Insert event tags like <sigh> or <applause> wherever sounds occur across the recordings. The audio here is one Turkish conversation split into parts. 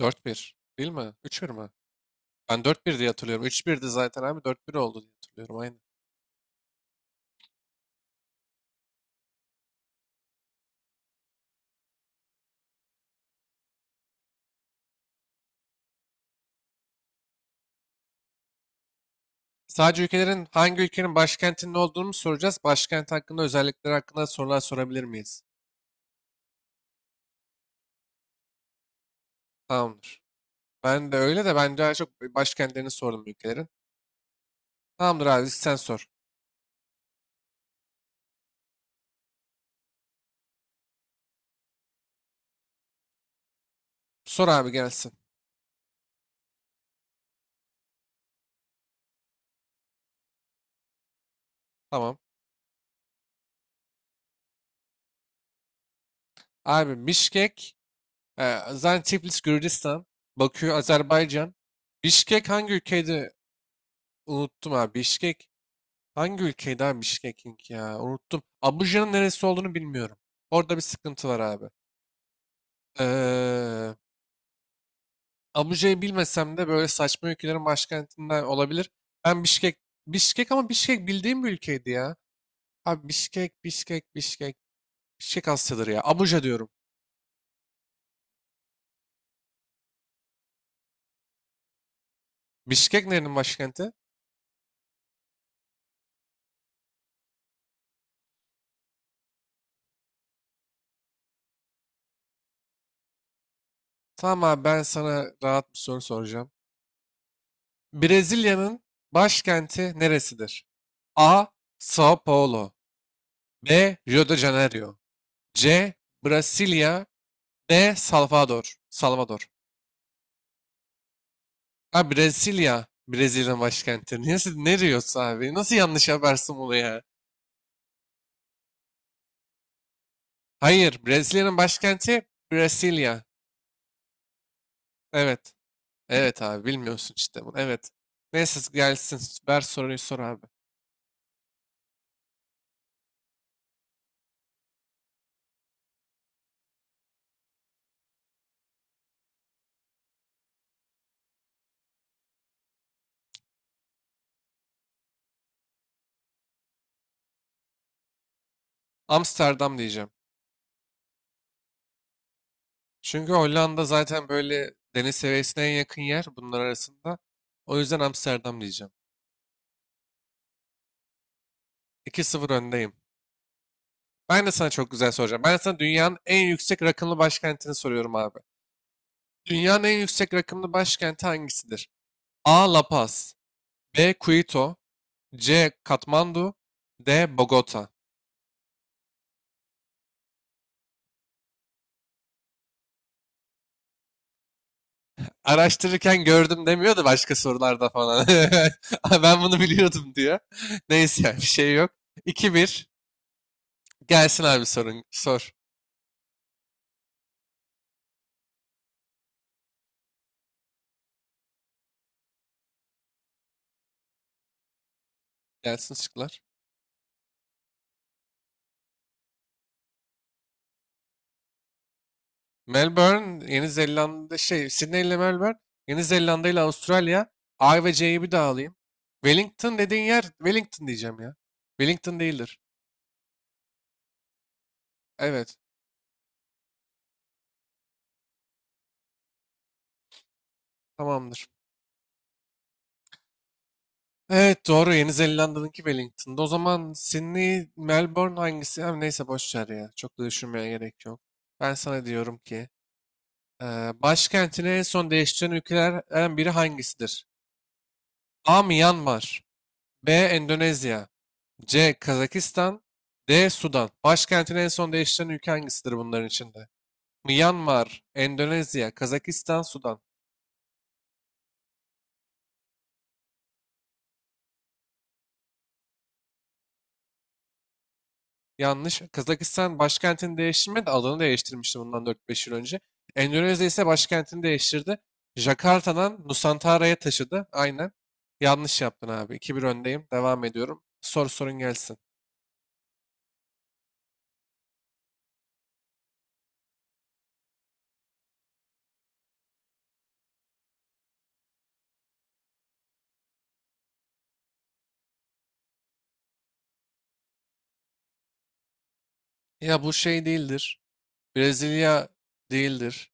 Dört bir, değil mi? Üç bir mi? Ben 4-1 diye hatırlıyorum. 3-1'di zaten abi dört bir oldu diye hatırlıyorum aynı. Sadece ülkelerin hangi ülkenin başkentinin olduğunu mu soracağız? Başkent hakkında özellikleri hakkında sorular sorabilir miyiz? Tamamdır. Ben de öyle de ben daha çok başkentlerini sordum ülkelerin. Tamamdır abi sen sor. Sor abi gelsin. Tamam. Abi Mişkek, zaten Tiflis Gürcistan, Bakü Azerbaycan. Bişkek hangi ülkeydi? Unuttum abi. Bişkek hangi ülkeydi abi Bişkek'in ya? Unuttum. Abuja'nın neresi olduğunu bilmiyorum. Orada bir sıkıntı var abi. Ee, Abuja'yı bilmesem de böyle saçma ülkelerin başkentinden olabilir. Ben Bişkek, Bişkek ama Bişkek bildiğim bir ülkeydi ya. Abi Bişkek, Bişkek, Bişkek. Bişkek Asya'dır ya. Abuja diyorum. Bişkek nerenin başkenti? Tamam abi ben sana rahat bir soru soracağım. Brezilya'nın başkenti neresidir? A. Sao Paulo, B. Rio de Janeiro, C. Brasilia, D. Salvador. Salvador. Ha Brezilya. Brezilya'nın başkenti. Niye siz ne diyorsun abi? Nasıl yanlış yaparsın bunu ya? Hayır. Brezilya'nın başkenti Brezilya. Evet. Evet abi bilmiyorsun işte bunu. Evet. Neyse gelsin. Ver soruyu sor abi. Amsterdam diyeceğim. Çünkü Hollanda zaten böyle deniz seviyesine en yakın yer bunlar arasında. O yüzden Amsterdam diyeceğim. 2 sıfır öndeyim. Ben de sana çok güzel soracağım. Ben de sana dünyanın en yüksek rakımlı başkentini soruyorum abi. Dünyanın en yüksek rakımlı başkenti hangisidir? A. La Paz, B. Quito, C. Katmandu, D. Bogota. Araştırırken gördüm demiyor da başka sorularda falan. <laughs> Ben bunu biliyordum diyor. <laughs> Neyse yani bir şey yok. 2 bir. Gelsin abi sorun. Sor. Gelsin şıklar. Melbourne, Yeni Zelanda, şey Sydney ile Melbourne, Yeni Zelanda ile Avustralya. A ve C'yi bir daha alayım. Wellington dediğin yer, Wellington diyeceğim ya. Wellington değildir. Evet. Tamamdır. Evet doğru, Yeni Zelanda'nınki Wellington'da. O zaman Sydney, Melbourne hangisi? Hem neyse boş ver ya. Çok da düşünmeye gerek yok. Ben sana diyorum ki başkentini en son değiştiren ülkelerden biri hangisidir? A. Myanmar, B. Endonezya, C. Kazakistan, D. Sudan. Başkentini en son değiştiren ülke hangisidir bunların içinde? Myanmar, Endonezya, Kazakistan, Sudan. Yanlış. Kazakistan başkentini değiştirmedi de adını değiştirmişti bundan dört beş yıl önce. Endonezya ise başkentini değiştirdi. Jakarta'dan Nusantara'ya taşıdı. Aynen. Yanlış yaptın abi. İki bir öndeyim. Devam ediyorum. Sor sorun gelsin. Ya bu şey değildir. Brezilya değildir.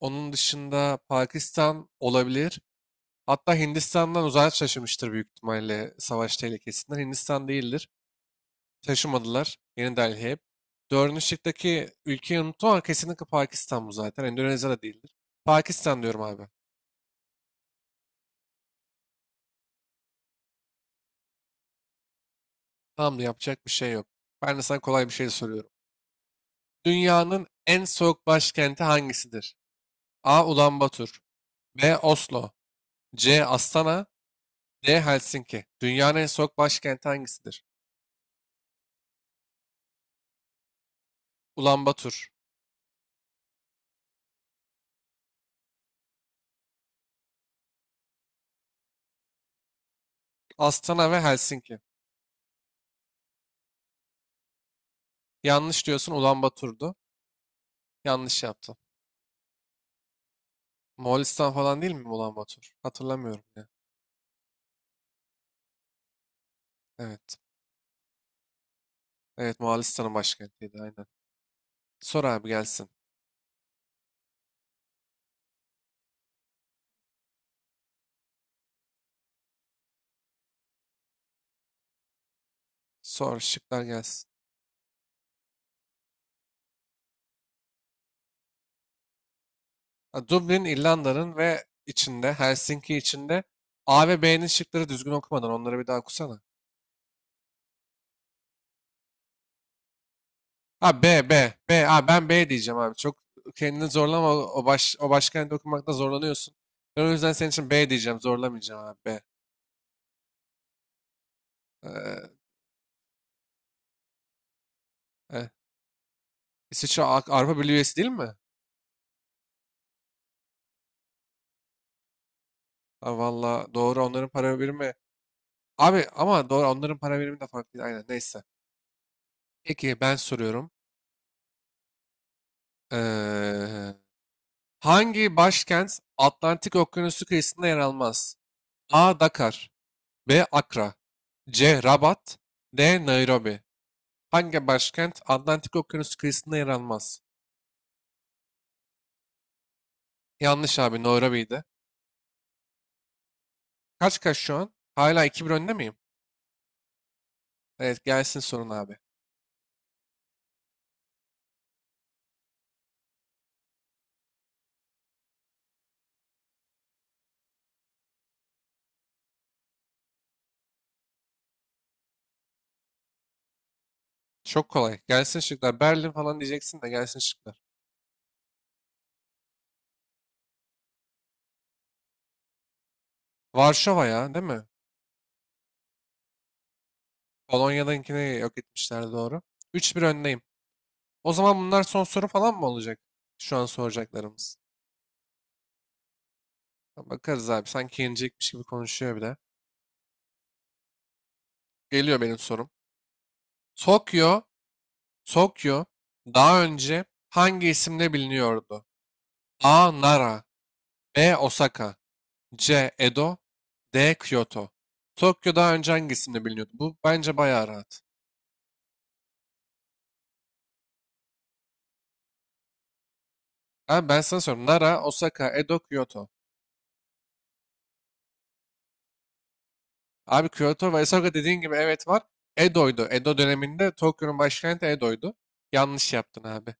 Onun dışında Pakistan olabilir. Hatta Hindistan'dan uzağa şaşırmıştır büyük ihtimalle savaş tehlikesinden. Hindistan değildir. Taşımadılar. Yeni Delhi. Dördüncü şıktaki ülkeyi unuttum ama kesinlikle Pakistan bu zaten. Endonezya da değildir. Pakistan diyorum abi. Tamam da yapacak bir şey yok. Ben de sana kolay bir şey soruyorum. Dünyanın en soğuk başkenti hangisidir? A. Ulaanbaatar, B. Oslo, C. Astana, D. Helsinki. Dünyanın en soğuk başkenti hangisidir? Ulaanbaatar. Astana ve Helsinki. Yanlış diyorsun, Ulaanbaatar'du. Yanlış yaptım. Moğolistan falan değil mi Ulaanbaatar? Hatırlamıyorum ya. Evet. Evet, Moğolistan'ın başkentiydi aynen. Sor abi gelsin. Sor şıklar gelsin. Ha, Dublin İrlanda'nın ve içinde Helsinki içinde. A ve B'nin şıkları düzgün okumadan onları bir daha okusana. Ha B B B ha ben B diyeceğim abi. Çok kendini zorlama, o başkenti okumakta zorlanıyorsun. Ben o yüzden senin için B diyeceğim. Zorlamayacağım abi, B. Ee, e, İsviçre Avrupa Birliği üyesi değil mi? Ha, valla doğru onların para birimi. Abi ama doğru onların para birimi de farklı değil. Aynen neyse. Peki ben soruyorum. Eee, hangi başkent Atlantik Okyanusu kıyısında yer almaz? A. Dakar, B. Akra, C. Rabat, D. Nairobi. Hangi başkent Atlantik Okyanusu kıyısında yer almaz? Yanlış abi, Nairobi'ydi. Kaç kaç şu an? Hala iki 1 önde miyim? Evet gelsin sorun abi. Çok kolay. Gelsin şıklar. Berlin falan diyeceksin de gelsin şıklar. Varşova ya, değil mi? Polonya'dakini yok etmişler, doğru. Üç 1 öndeyim. O zaman bunlar son soru falan mı olacak? Şu an soracaklarımız. Bakarız abi. Sanki yenecekmiş gibi konuşuyor bir de. Geliyor benim sorum. Tokyo, Tokyo daha önce hangi isimle biliniyordu? A. Nara, B. Osaka, C. Edo, D. Kyoto. Tokyo daha önce hangi isimle biliniyordu? Bu bence bayağı rahat. Abi ben sana soruyorum. Nara, Osaka, Edo, Kyoto. Abi Kyoto ve Osaka dediğin gibi evet var. Edo'ydu. Edo döneminde Tokyo'nun başkenti Edo'ydu. Yanlış yaptın abi.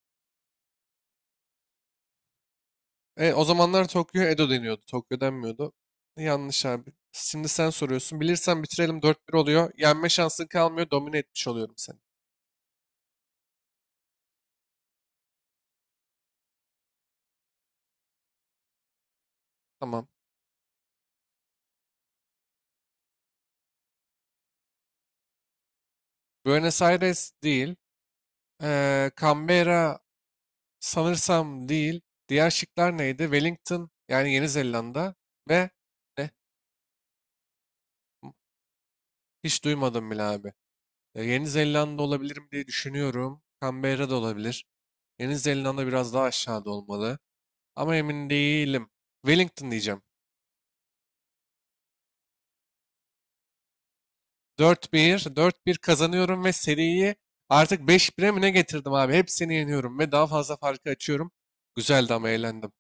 Evet, o zamanlar Tokyo Edo deniyordu. Tokyo denmiyordu. Yanlış abi. Şimdi sen soruyorsun. Bilirsen bitirelim, dört bir oluyor. Yenme şansın kalmıyor. Domine etmiş oluyorum seni. Tamam. Buenos Aires değil. Canberra sanırsam değil. Diğer şıklar neydi? Wellington yani Yeni Zelanda ve ne? Hiç duymadım bile abi. Yeni Zelanda olabilir mi diye düşünüyorum. Canberra da olabilir. Yeni Zelanda biraz daha aşağıda olmalı. Ama emin değilim. Wellington diyeceğim. Dört bir, dört bir kazanıyorum ve seriyi artık beş 1e mi ne getirdim abi? Hepsini yeniyorum ve daha fazla farkı açıyorum. Güzeldi, ama eğlendim.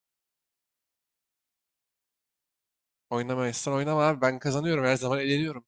Oynamayasın, oynama abi. Ben kazanıyorum. Her zaman eğleniyorum.